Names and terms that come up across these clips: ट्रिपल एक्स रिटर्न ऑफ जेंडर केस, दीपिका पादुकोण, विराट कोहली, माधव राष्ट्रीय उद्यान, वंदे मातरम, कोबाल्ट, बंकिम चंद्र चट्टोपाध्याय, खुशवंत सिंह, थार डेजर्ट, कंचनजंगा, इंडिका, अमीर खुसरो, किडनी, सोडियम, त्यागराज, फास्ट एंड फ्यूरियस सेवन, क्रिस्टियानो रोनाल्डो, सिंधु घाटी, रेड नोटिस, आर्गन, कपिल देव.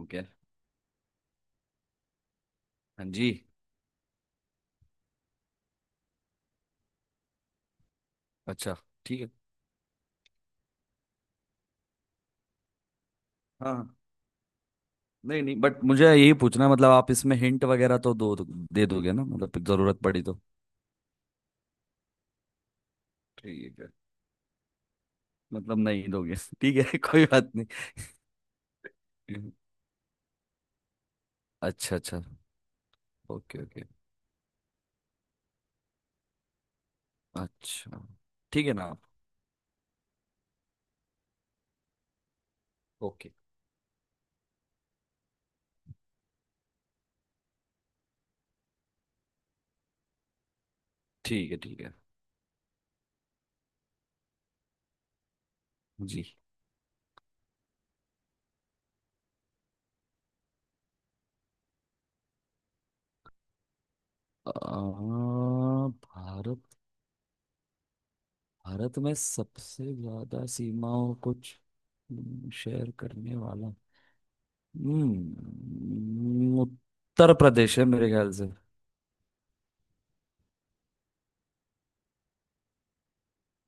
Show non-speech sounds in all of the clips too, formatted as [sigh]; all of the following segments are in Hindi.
ओके। हाँ जी। अच्छा। ठीक है। हाँ। नहीं नहीं बट मुझे यही पूछना है, मतलब आप इसमें हिंट वगैरह तो दो दे दोगे ना मतलब जरूरत पड़ी तो। ठीक है। मतलब नहीं दोगे [laughs] ठीक है कोई [laughs] बात नहीं। अच्छा अच्छा। Okay okay. अच्छा। ठीक है ना आप। ओके। ठीक है। ठीक है। जी। आ, भारत भारत में सबसे ज्यादा सीमाओं को शेयर करने वाला उत्तर प्रदेश है मेरे ख्याल से।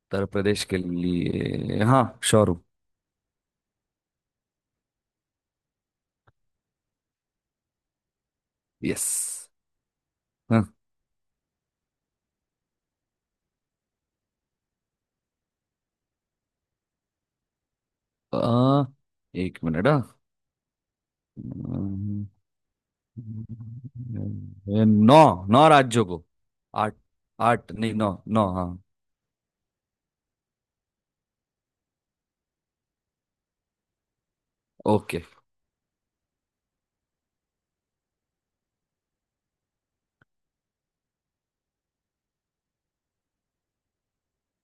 उत्तर प्रदेश के लिए हाँ श्योर हूँ। यस। हाँ। आ, एक मिनट। हाँ। अम्म, नौ। नौ राज्यों को। आठ। आठ नहीं नौ। नौ हाँ। ओके।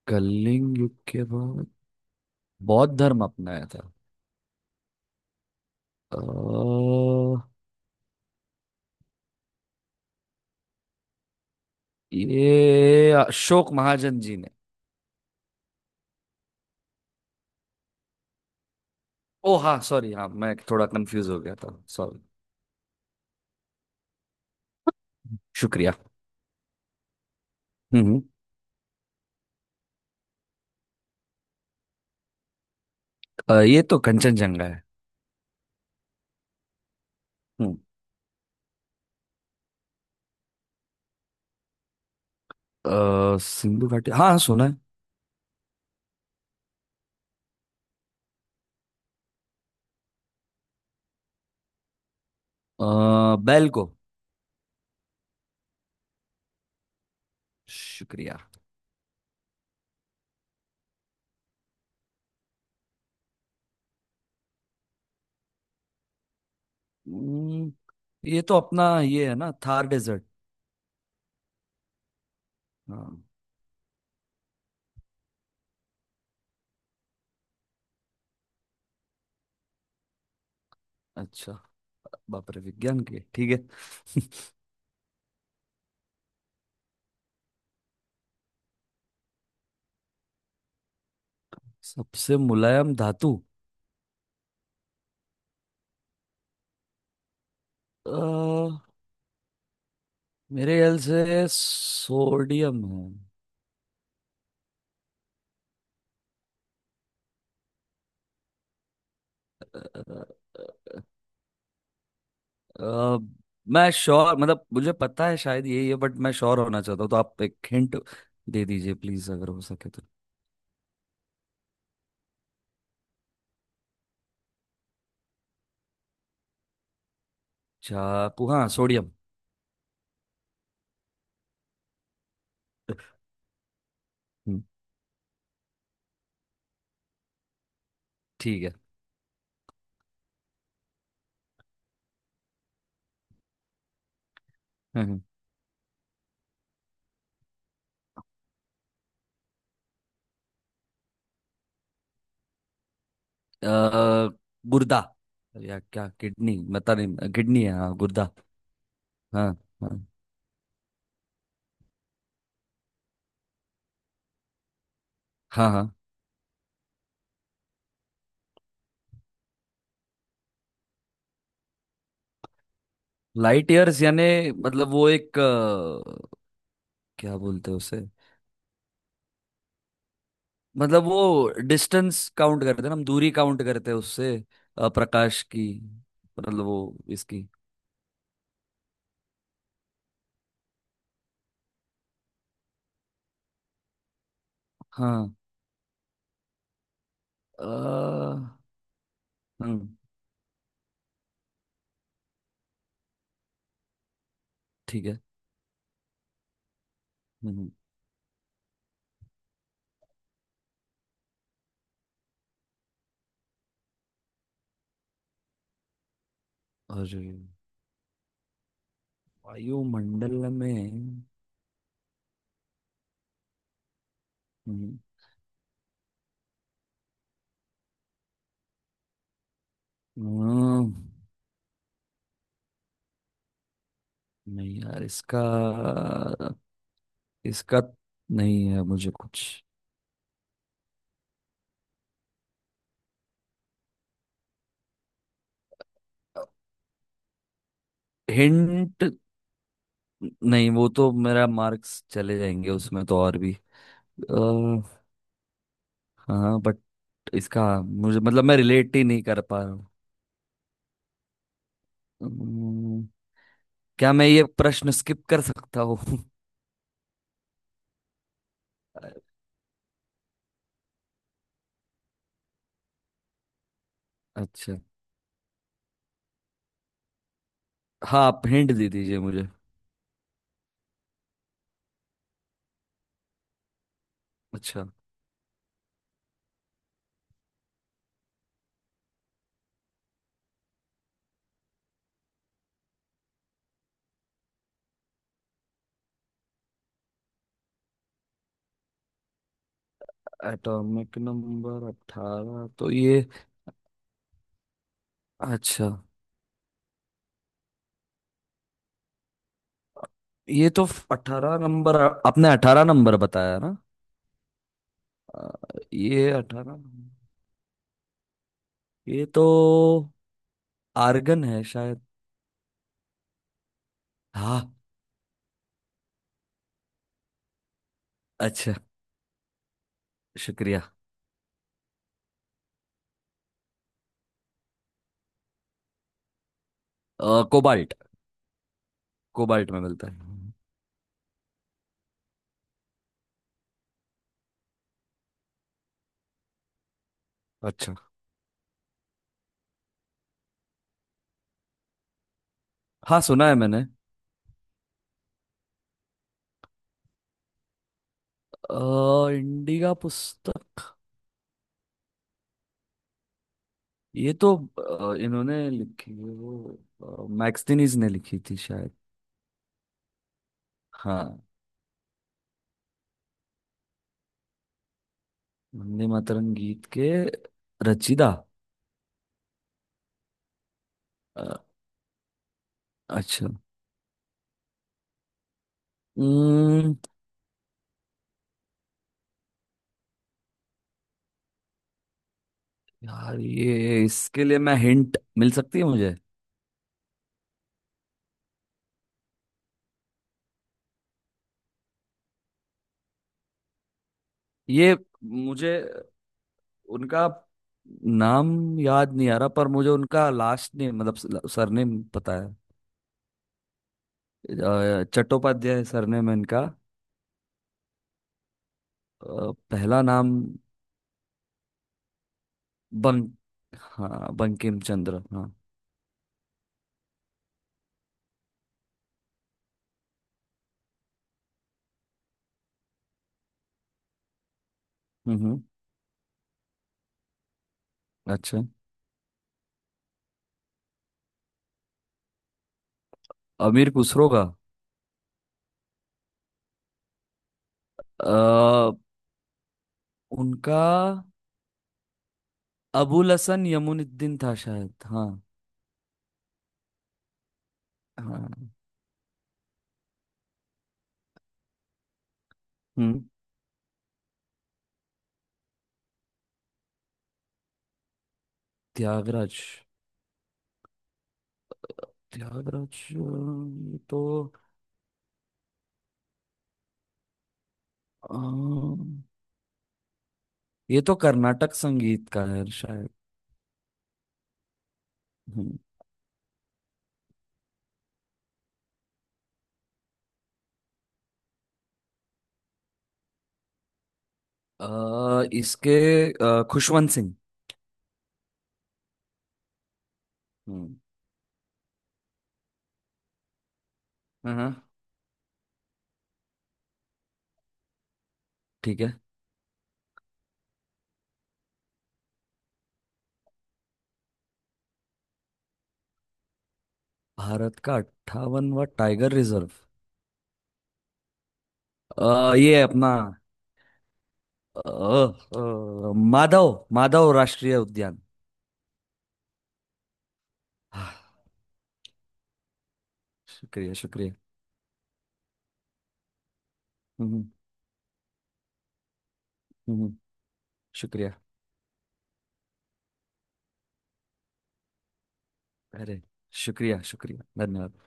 कलिंग युग के बाद बौद्ध धर्म अपनाया था। अ, ये अशोक महाजन जी ने। ओ हाँ सॉरी। हाँ मैं थोड़ा कंफ्यूज हो गया था। सॉरी। शुक्रिया। हम्म हम्म। ये तो कंचनजंगा है। हम्म। सिंधु घाटी हाँ हाँ, सुना है। बैल को। शुक्रिया। हम्म, ये तो अपना ये है ना थार डेजर्ट। हाँ। अच्छा। बाप रे विज्ञान के ठीक है [laughs] सबसे मुलायम धातु। अ, मेरे ख्याल से सोडियम है। अ, अ, मैं श्योर मतलब मुझे पता है शायद यही है बट मैं श्योर होना चाहता हूँ तो आप एक हिंट दे दीजिए प्लीज अगर हो सके तो। चाकू हाँ सोडियम। हम्म, ठीक है [laughs] अ, गुर्दा या क्या किडनी बता नहीं किडनी है हाँ गुर्दा। हाँ। हाँ। हाँ। हाँ। लाइट ईयर्स यानी मतलब वो एक क्या बोलते हैं उसे। मतलब वो डिस्टेंस काउंट करते हैं ना हम दूरी काउंट करते हैं उससे। प्रकाश की मतलब वो इसकी। हाँ। अ, हम्म, ठीक है। हम्म, और वायुमंडल में। हम्म। हम्म। नहीं यार इसका इसका नहीं है मुझे कुछ। हिंट। नहीं वो तो मेरा मार्क्स चले जाएंगे उसमें तो और भी। अ, हाँ बट इसका मुझे मतलब मैं रिलेट ही नहीं कर पा रहा हूँ। अम्म, क्या मैं ये प्रश्न स्किप कर सकता हूँ। अच्छा। हाँ आप हिंट दे दीजिए मुझे। अच्छा। एटॉमिक नंबर 18 तो ये। अच्छा। ये तो 18 नंबर। आपने 18 नंबर बताया ना। अ, ये 18 ये तो आर्गन है शायद। हाँ। अच्छा। शुक्रिया। कोबाल्ट। कोबाल्ट में मिलता है। अच्छा। हाँ सुना है मैंने। इंडिका पुस्तक ये तो इन्होंने लिखी है वो मैक्सटिनीज ने लिखी थी शायद। हाँ। वंदे मातरम गीत के रचयिता। अ, अच्छा। हम्म, यार ये इसके लिए मैं हिंट मिल सकती है मुझे। ये मुझे उनका नाम याद नहीं आ रहा पर मुझे उनका लास्ट नेम मतलब सरनेम पता है। चट्टोपाध्याय सरनेम है इनका। पहला नाम। बं हाँ बंकिम चंद्र हाँ। हम्म, अच्छा। अमीर खुसरो का। अ, उनका अबुल हसन यमुनुद्दीन था शायद। हाँ। हाँ। हम्म। त्यागराज। त्यागराज ये तो अ, ये तो कर्नाटक संगीत का है शायद। हम्म। इसके खुशवंत सिंह। हम्म। हम्म। ठीक है। भारत का 58वां टाइगर रिजर्व। ये है अपना माधव माधव राष्ट्रीय उद्यान। हाँ। शुक्रिया। शुक्रिया। हम्म। हम्म। हम्म। शुक्रिया। अरे। शुक्रिया। शुक्रिया। धन्यवाद।